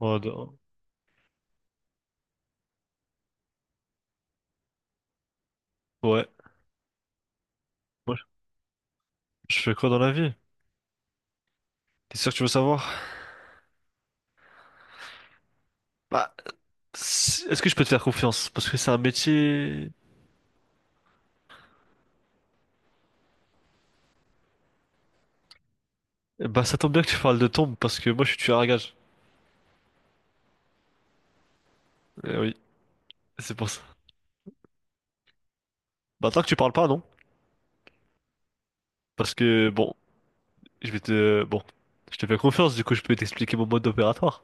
Oh, non. Ouais. Moi, je fais quoi dans la vie? T'es sûr que tu veux savoir? Bah, est-ce que je peux te faire confiance? Parce que c'est un métier... Bah, ça tombe bien que tu parles de tombe, parce que moi, je suis tueur à gages. Eh oui, c'est pour ça. Bah, tant que tu parles pas, non? Parce que, bon, je vais te... Bon, je te fais confiance, du coup, je peux t'expliquer mon mode opératoire.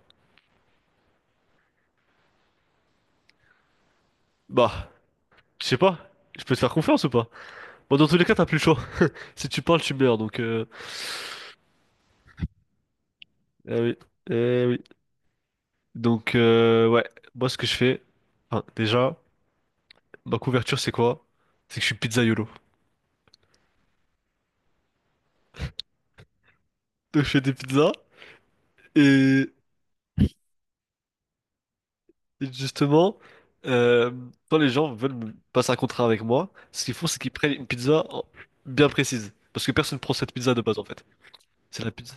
Bah, je sais pas. Je peux te faire confiance ou pas? Bon, dans tous les cas, t'as plus le choix. Si tu parles, tu meurs, donc... Eh oui, eh oui. Donc, ouais, moi, ce que je fais... enfin, déjà... Ma couverture, c'est quoi? C'est que je suis pizzaïolo. Donc, je fais des pizzas et justement, euh, quand les gens veulent me passer un contrat avec moi, ce qu'ils font, c'est qu'ils prennent une pizza bien précise. Parce que personne prend cette pizza de base en fait. C'est la pizza.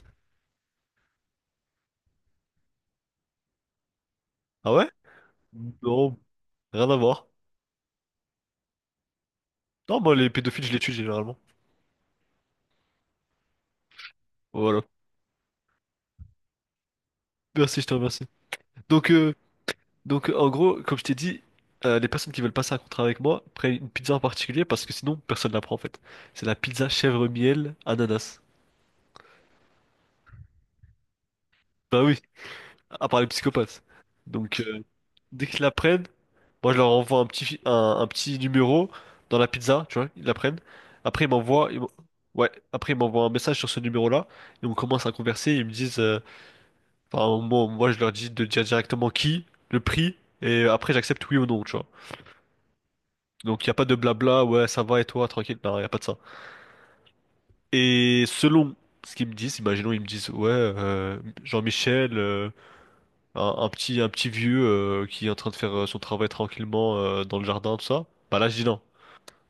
Ah ouais? Non, rien à voir. Non, moi, les pédophiles, je les tue généralement. Voilà. Merci, je te remercie. Donc, euh, donc, en gros, comme je t'ai dit, les personnes qui veulent passer un contrat avec moi prennent une pizza en particulier parce que sinon, personne la prend en fait. C'est la pizza chèvre miel ananas. Bah oui. À part les psychopathes. Donc, dès qu'ils la prennent, moi, je leur envoie un petit numéro dans la pizza, tu vois, ils la prennent. Après, ils m'envoient, ils m'en- ouais, après, ils m'envoient un message sur ce numéro-là, et on commence à converser, ils me disent, enfin, moi, je leur dis de dire directement qui, le prix, et après, j'accepte oui ou non, tu vois. Donc, il n'y a pas de blabla, ouais, ça va, et toi, tranquille, non, il n'y a pas de ça. Et selon ce qu'ils me disent, imaginons, ils me disent, ouais, Jean-Michel, un petit vieux qui est en train de faire son travail tranquillement dans le jardin, tout ça, bah là je dis non.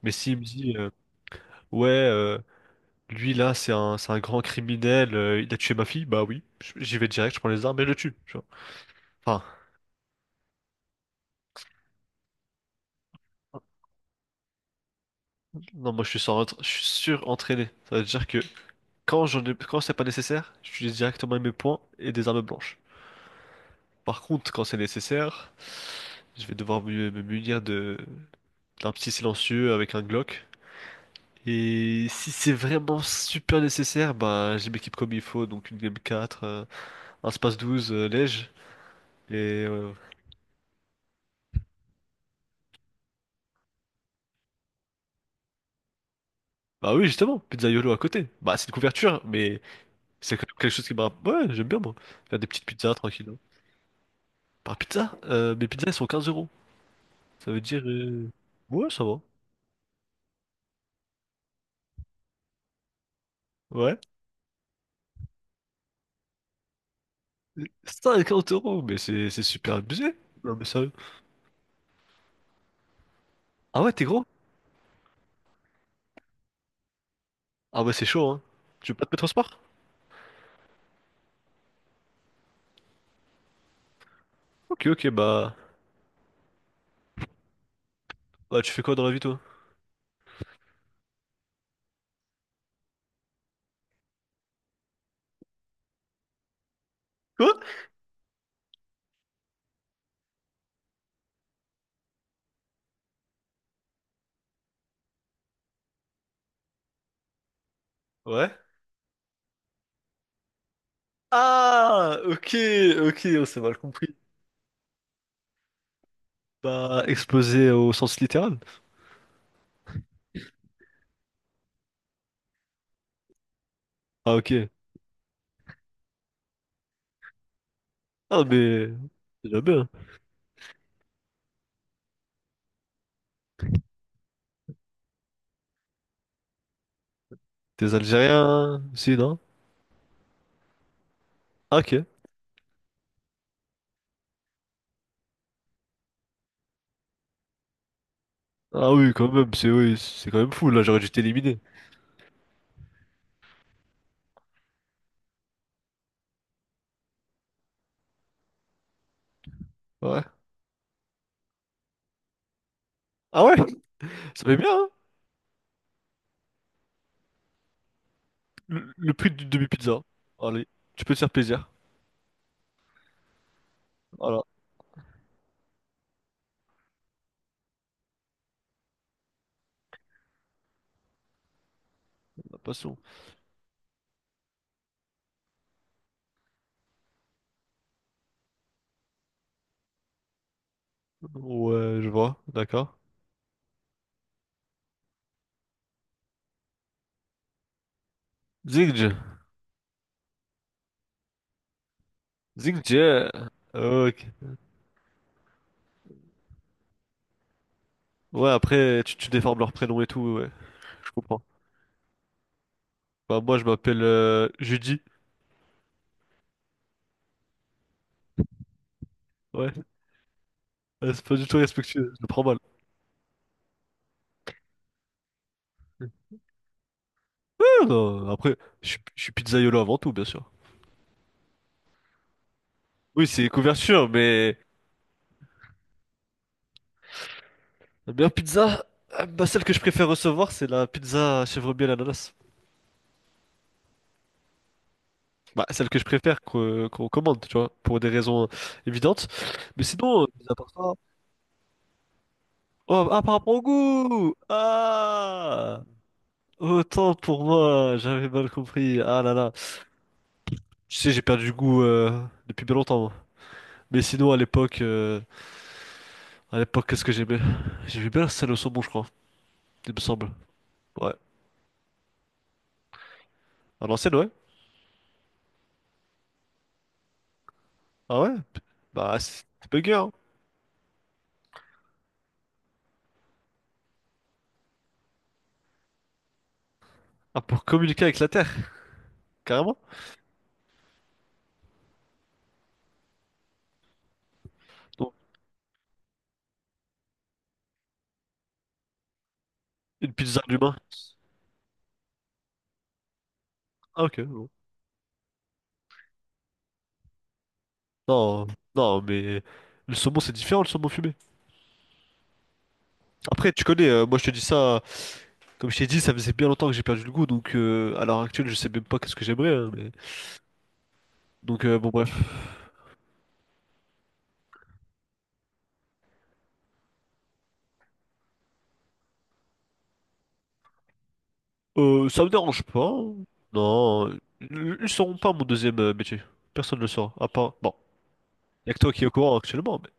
Mais s'il me dit ouais, lui là c'est un grand criminel, il a tué ma fille, bah oui, j'y vais direct, je prends les armes et je le tue. Tu vois. Enfin, non moi je suis sans, je suis surentraîné. Ça veut dire que quand j'en ai, quand c'est pas nécessaire, j'utilise directement mes poings et des armes blanches. Par contre, quand c'est nécessaire, je vais devoir me munir de d'un petit silencieux avec un Glock. Et si c'est vraiment super nécessaire, bah je m'équipe comme il faut, donc une game 4, un space 12, lège, et... euh, bah oui, justement, pizza YOLO à côté. Bah c'est une couverture, mais c'est quand même quelque chose qui me rappelle... Ouais, j'aime bien moi. Faire des petites pizzas tranquilles, hein. Par pizza, mes pizzas elles sont 15 euros. Ça veut dire... Ouais, ça va. Ouais. 50 euros, mais c'est super abusé. Non mais sérieux. Ah ouais, t'es gros? Ah ouais, c'est chaud, hein. Tu veux pas te mettre au sport? Ok, ok, bah... Bah tu fais quoi dans la vie toi? Quoi? Ouais. Ah, ok, ok, on s'est mal compris. Pas explosé au sens littéral. Ah, ok. Ah, mais c'est déjà bien. T'es Algérien, si, non? Ah, ok. Ah oui, quand même, c'est oui, c'est quand même fou, là, j'aurais dû t'éliminer. Ouais. Ah ouais, ça fait bien, hein? Le prix d'une demi-pizza. Allez, tu peux te faire plaisir. Voilà, passons. Ouais, je vois, d'accord. Zingj, Zingj, ok. Ouais, après, tu déformes leur prénom et tout, ouais, je comprends. Bah, moi, je m'appelle Judy. Ouais. C'est pas du tout respectueux, je le prends mal. Ah, non, après, je suis pizzaiolo avant tout, bien sûr. Oui, c'est couverture, mais la meilleure pizza, bah, celle que je préfère recevoir, c'est la pizza chèvre miel ananas. Bah, celle que je préfère qu'on commande, tu vois, pour des raisons évidentes. Mais sinon, mis à part ça... Oh, ah, par rapport au goût! Ah! Autant pour moi, j'avais mal compris. Ah là là. Tu sais, j'ai perdu goût depuis bien longtemps, moi. Mais sinon, à l'époque... À l'époque, qu'est-ce que j'aimais? J'aimais bien la salle au saumon, je crois, il me semble. Ouais. À l'ancienne, ouais. Ah ouais? Bah, c'est bugué, hein. Ah, pour communiquer avec la Terre, carrément. Donc, une pizza d'humain. Ah, ok, bon. Non, non, mais le saumon, c'est différent, le saumon fumé. Après, tu connais, moi, je te dis ça, comme je t'ai dit, ça faisait bien longtemps que j'ai perdu le goût, donc à l'heure actuelle, je sais même pas qu'est-ce que j'aimerais, hein, mais... Donc, bon, bref. Ça me dérange pas. Non, ils sauront pas mon deuxième métier. Personne ne le saura, à part... Bon. Il n'y a que toi qui est au courant actuellement, mais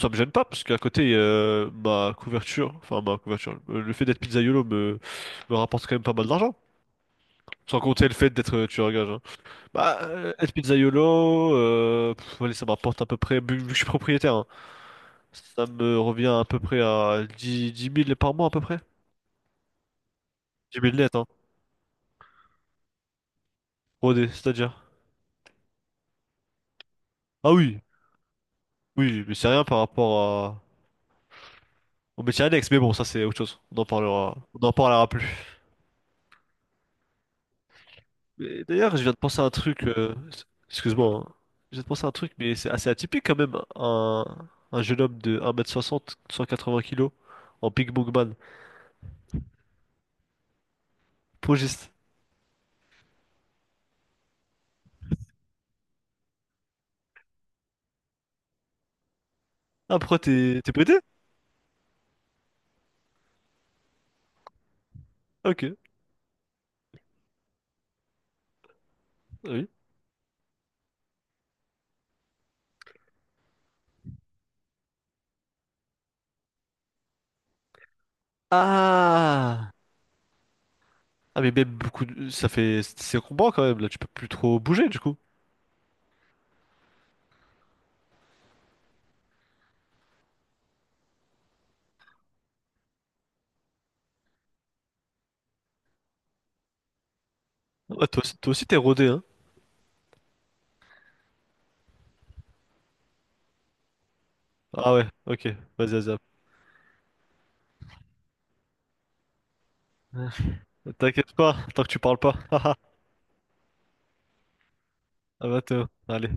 ça me gêne pas parce qu'à côté, ma couverture, enfin ma couverture, le fait d'être pizzaïolo me rapporte quand même pas mal d'argent. Sans compter le fait d'être tueur à gage. Hein. Bah, être pizzaïolo, allez, ça me rapporte à peu près, vu que je suis propriétaire, hein, ça me revient à peu près à 10 10 000 par mois à peu près. 10 000 net, hein. Rodé, c'est-à-dire. Ah oui, oui, mais c'est rien par rapport à... au métier annexe, mais bon, ça c'est autre chose. On en parlera plus. Mais d'ailleurs, je viens de penser à un truc. Excuse-moi, hein. Je viens de penser à un truc, mais c'est assez atypique quand même. Un jeune homme de 1 m 60, 180 kilos, en Pink Bookman. Progiste. Ah, pourquoi t'es prêté? Ok. Ah oui. Ah! Ah, mais même beaucoup. Ça fait. C'est combat quand même, là. Tu peux plus trop bouger, du coup. Ah, toi aussi, t'es rodé, hein? Ah ouais, ok. Vas-y, vas-y. T'inquiète pas, tant que tu parles pas. À bientôt. Allez.